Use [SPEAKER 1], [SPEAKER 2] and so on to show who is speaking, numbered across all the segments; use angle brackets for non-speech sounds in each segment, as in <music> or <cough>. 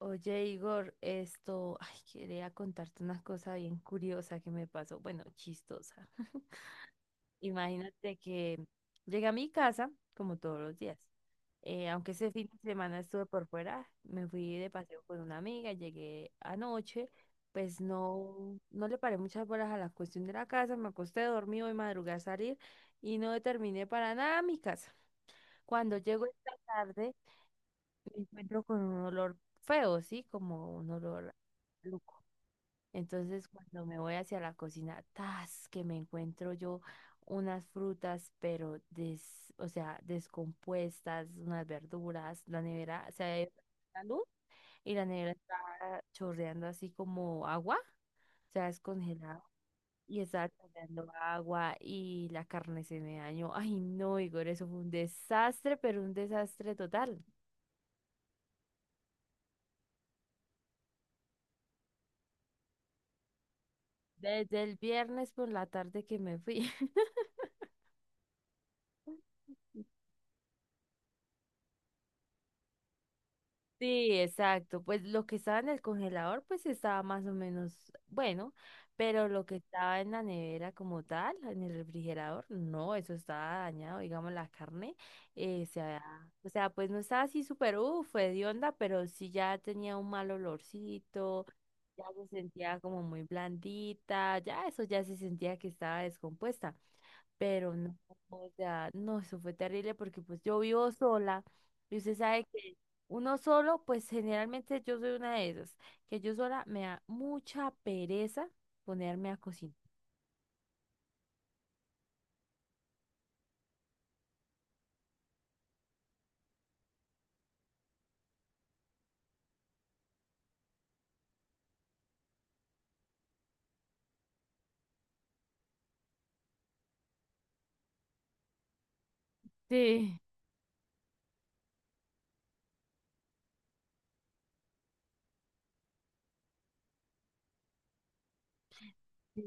[SPEAKER 1] Oye, Igor, quería contarte una cosa bien curiosa que me pasó, bueno, chistosa. <laughs> Imagínate que llegué a mi casa, como todos los días. Aunque ese fin de semana estuve por fuera, me fui de paseo con una amiga, llegué anoche, pues no le paré muchas horas a la cuestión de la casa, me acosté, dormí, hoy madrugué a salir y no terminé para nada mi casa. Cuando llego esta tarde, me encuentro con un olor feo, ¿sí? Como un olor maluco. Entonces, cuando me voy hacia la cocina, tas, que me encuentro yo unas frutas, pero o sea, descompuestas, unas verduras, la nevera se ha ido la luz y la nevera está chorreando así como agua, o sea, descongelado. Y estaba chorreando agua y la carne se me dañó. Ay, no, Igor, eso fue un desastre, pero un desastre total. Desde el viernes por la tarde que me fui. <laughs> Sí, exacto. Pues lo que estaba en el congelador, pues estaba más o menos bueno, pero lo que estaba en la nevera como tal, en el refrigerador, no, eso estaba dañado, digamos, la carne, eh, se había- o sea, pues no estaba así súper, uff, hedionda, pero sí ya tenía un mal olorcito, ya se sentía como muy blandita, ya eso ya se sentía que estaba descompuesta. Pero no, o sea, no, eso fue terrible porque pues yo vivo sola y usted sabe que uno solo, pues generalmente yo soy una de esas, que yo sola me da mucha pereza ponerme a cocinar. Sí. Sí.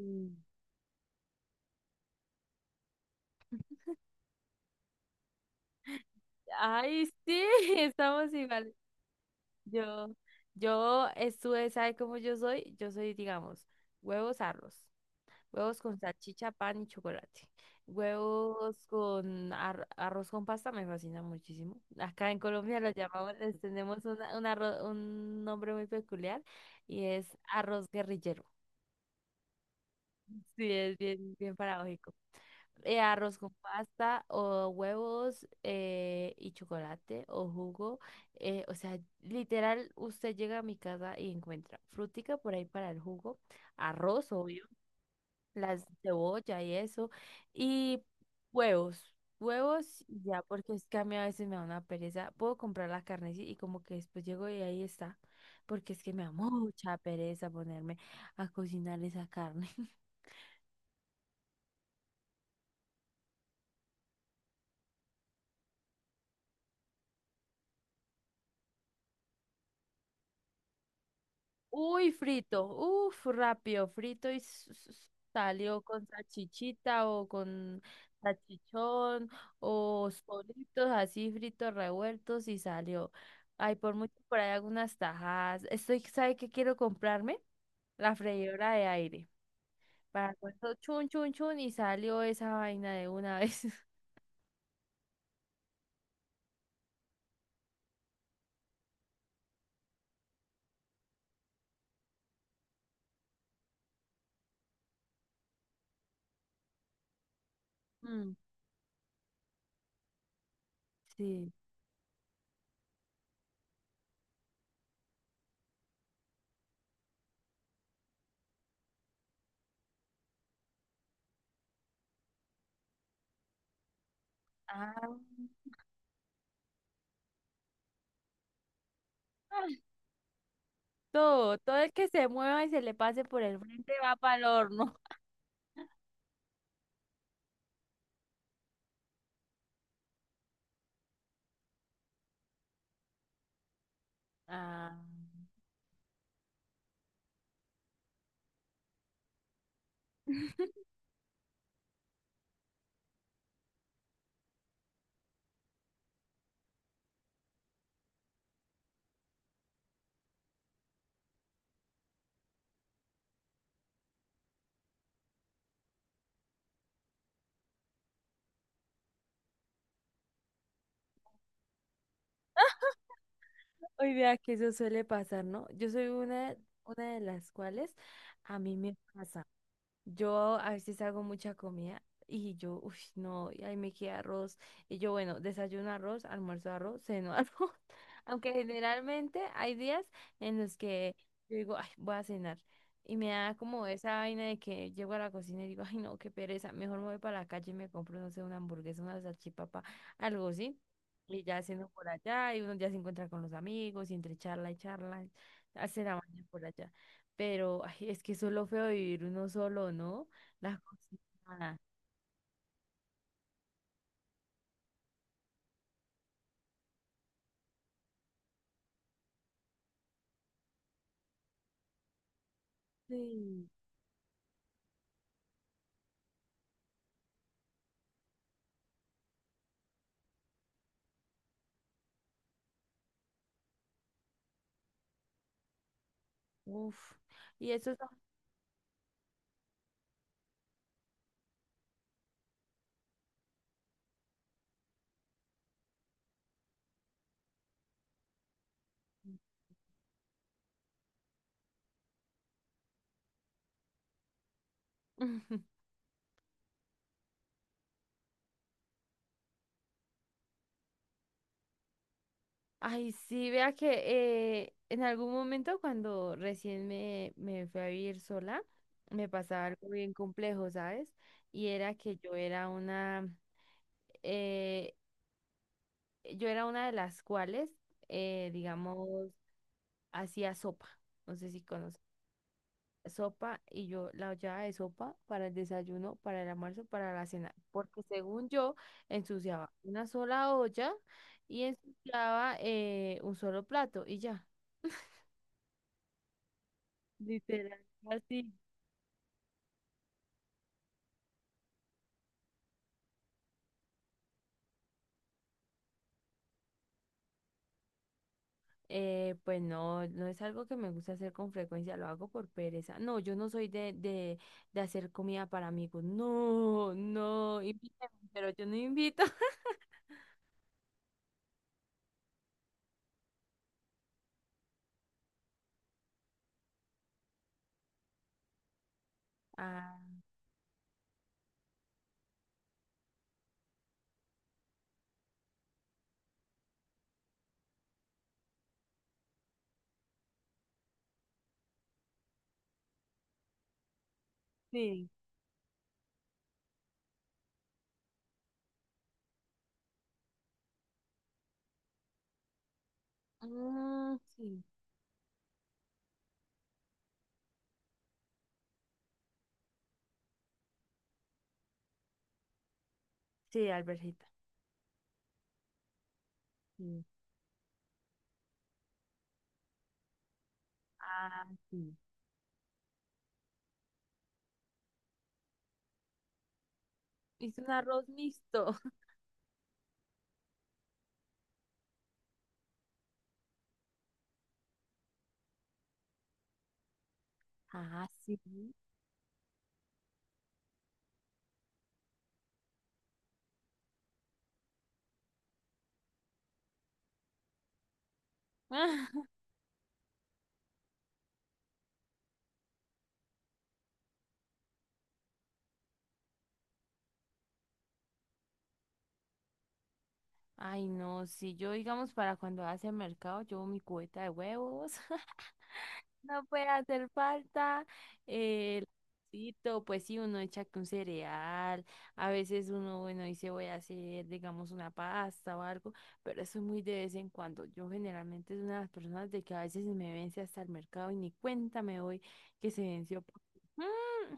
[SPEAKER 1] Ay, sí, <laughs> estamos igual. Yo, yo estuve, ¿sabe cómo yo soy? Yo soy, digamos, huevos, arroz. Huevos con salchicha, pan y chocolate. Huevos con arroz con pasta me fascina muchísimo. Acá en Colombia lo llamamos, les tenemos un nombre muy peculiar y es arroz guerrillero. Sí, es bien, bien paradójico. Arroz con pasta o huevos y chocolate o jugo. O sea, literal, usted llega a mi casa y encuentra frutica por ahí para el jugo, arroz, obvio las cebolla y eso, y huevos, y ya, porque es que a mí a veces me da una pereza, puedo comprar la carne sí, y como que después llego y ahí está, porque es que me da mucha pereza ponerme a cocinar esa carne. Uy, frito, uf, rápido, frito y salió con salchichita o con salchichón o solitos así fritos revueltos y salió. Ay, por mucho por ahí algunas tajadas. Estoy, ¿sabe qué quiero comprarme? La freidora de aire. Para cuando chun, chun, chun y salió esa vaina de una vez. <laughs> Mm, sí. Ah, ah, todo el que se mueva y se le pase por el frente va para el horno. Ah. Hoy vea que eso suele pasar, ¿no? Yo soy una de las cuales a mí me pasa. Yo a veces hago mucha comida y yo, uff, no, y ahí me queda arroz. Y yo, bueno, desayuno arroz, almuerzo arroz, ceno <laughs> arroz. Aunque generalmente hay días en los que yo digo, ay, voy a cenar. Y me da como esa vaina de que llego a la cocina y digo, ay, no, qué pereza. Mejor me voy para la calle y me compro, no sé, una hamburguesa, una salchipapa, algo así. Y ya ceno por allá y uno ya se encuentra con los amigos y entre charla y charla, hace la mañana por allá. Pero ay, es que eso es lo feo de vivir uno solo, ¿no? Las cosas. Sí. Uf. Y eso es... <laughs> Ay, sí, vea que en algún momento cuando me fui a vivir sola, me pasaba algo bien complejo, ¿sabes? Y era que eh, yo era una de las cuales, digamos, hacía sopa. No sé si conoces. Sopa y yo la olla de sopa para el desayuno, para el almuerzo, para la cena, porque según yo ensuciaba una sola olla y ensuciaba un solo plato y ya, literal, así. Pues no, no es algo que me gusta hacer con frecuencia, lo hago por pereza. No, yo no soy de hacer comida para amigos. No, no, invítame, pero yo no invito. <laughs> Ah, sí. Mm, sí. Sí, alberjita. Sí. Ah, sí. Hice un arroz mixto. <laughs> Ah, sí. Ah, ay, no, si yo, digamos, para cuando hace el mercado, llevo mi cubeta de huevos. <laughs> No puede hacer falta. El arrocito, pues sí, uno echa que un cereal. A veces uno, bueno, dice voy a hacer, digamos, una pasta o algo, pero eso es muy de vez en cuando. Yo generalmente es una de las personas de que a veces se me vence hasta el mercado y ni cuenta me doy que se venció. Mm,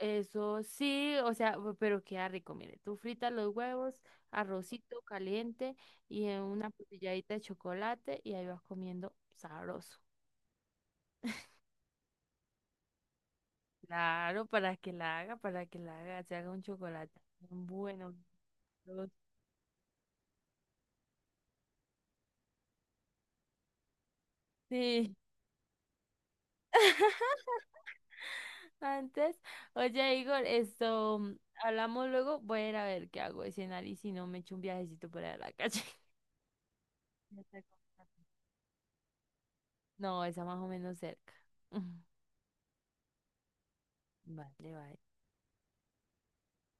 [SPEAKER 1] eso sí, o sea, pero queda rico, mire, tú fritas los huevos, arrocito caliente y en una puntilladita de chocolate y ahí vas comiendo sabroso. Claro, para que la haga, para que la haga, se haga un chocolate. Bueno, sabroso. Sí. <laughs> Antes, oye, Igor, hablamos luego, voy a ir a ver qué hago de cenar y si no me echo un viajecito por ahí a la calle. <laughs> Ya está como tarde. No, está más o menos cerca. <laughs> Vale, vale.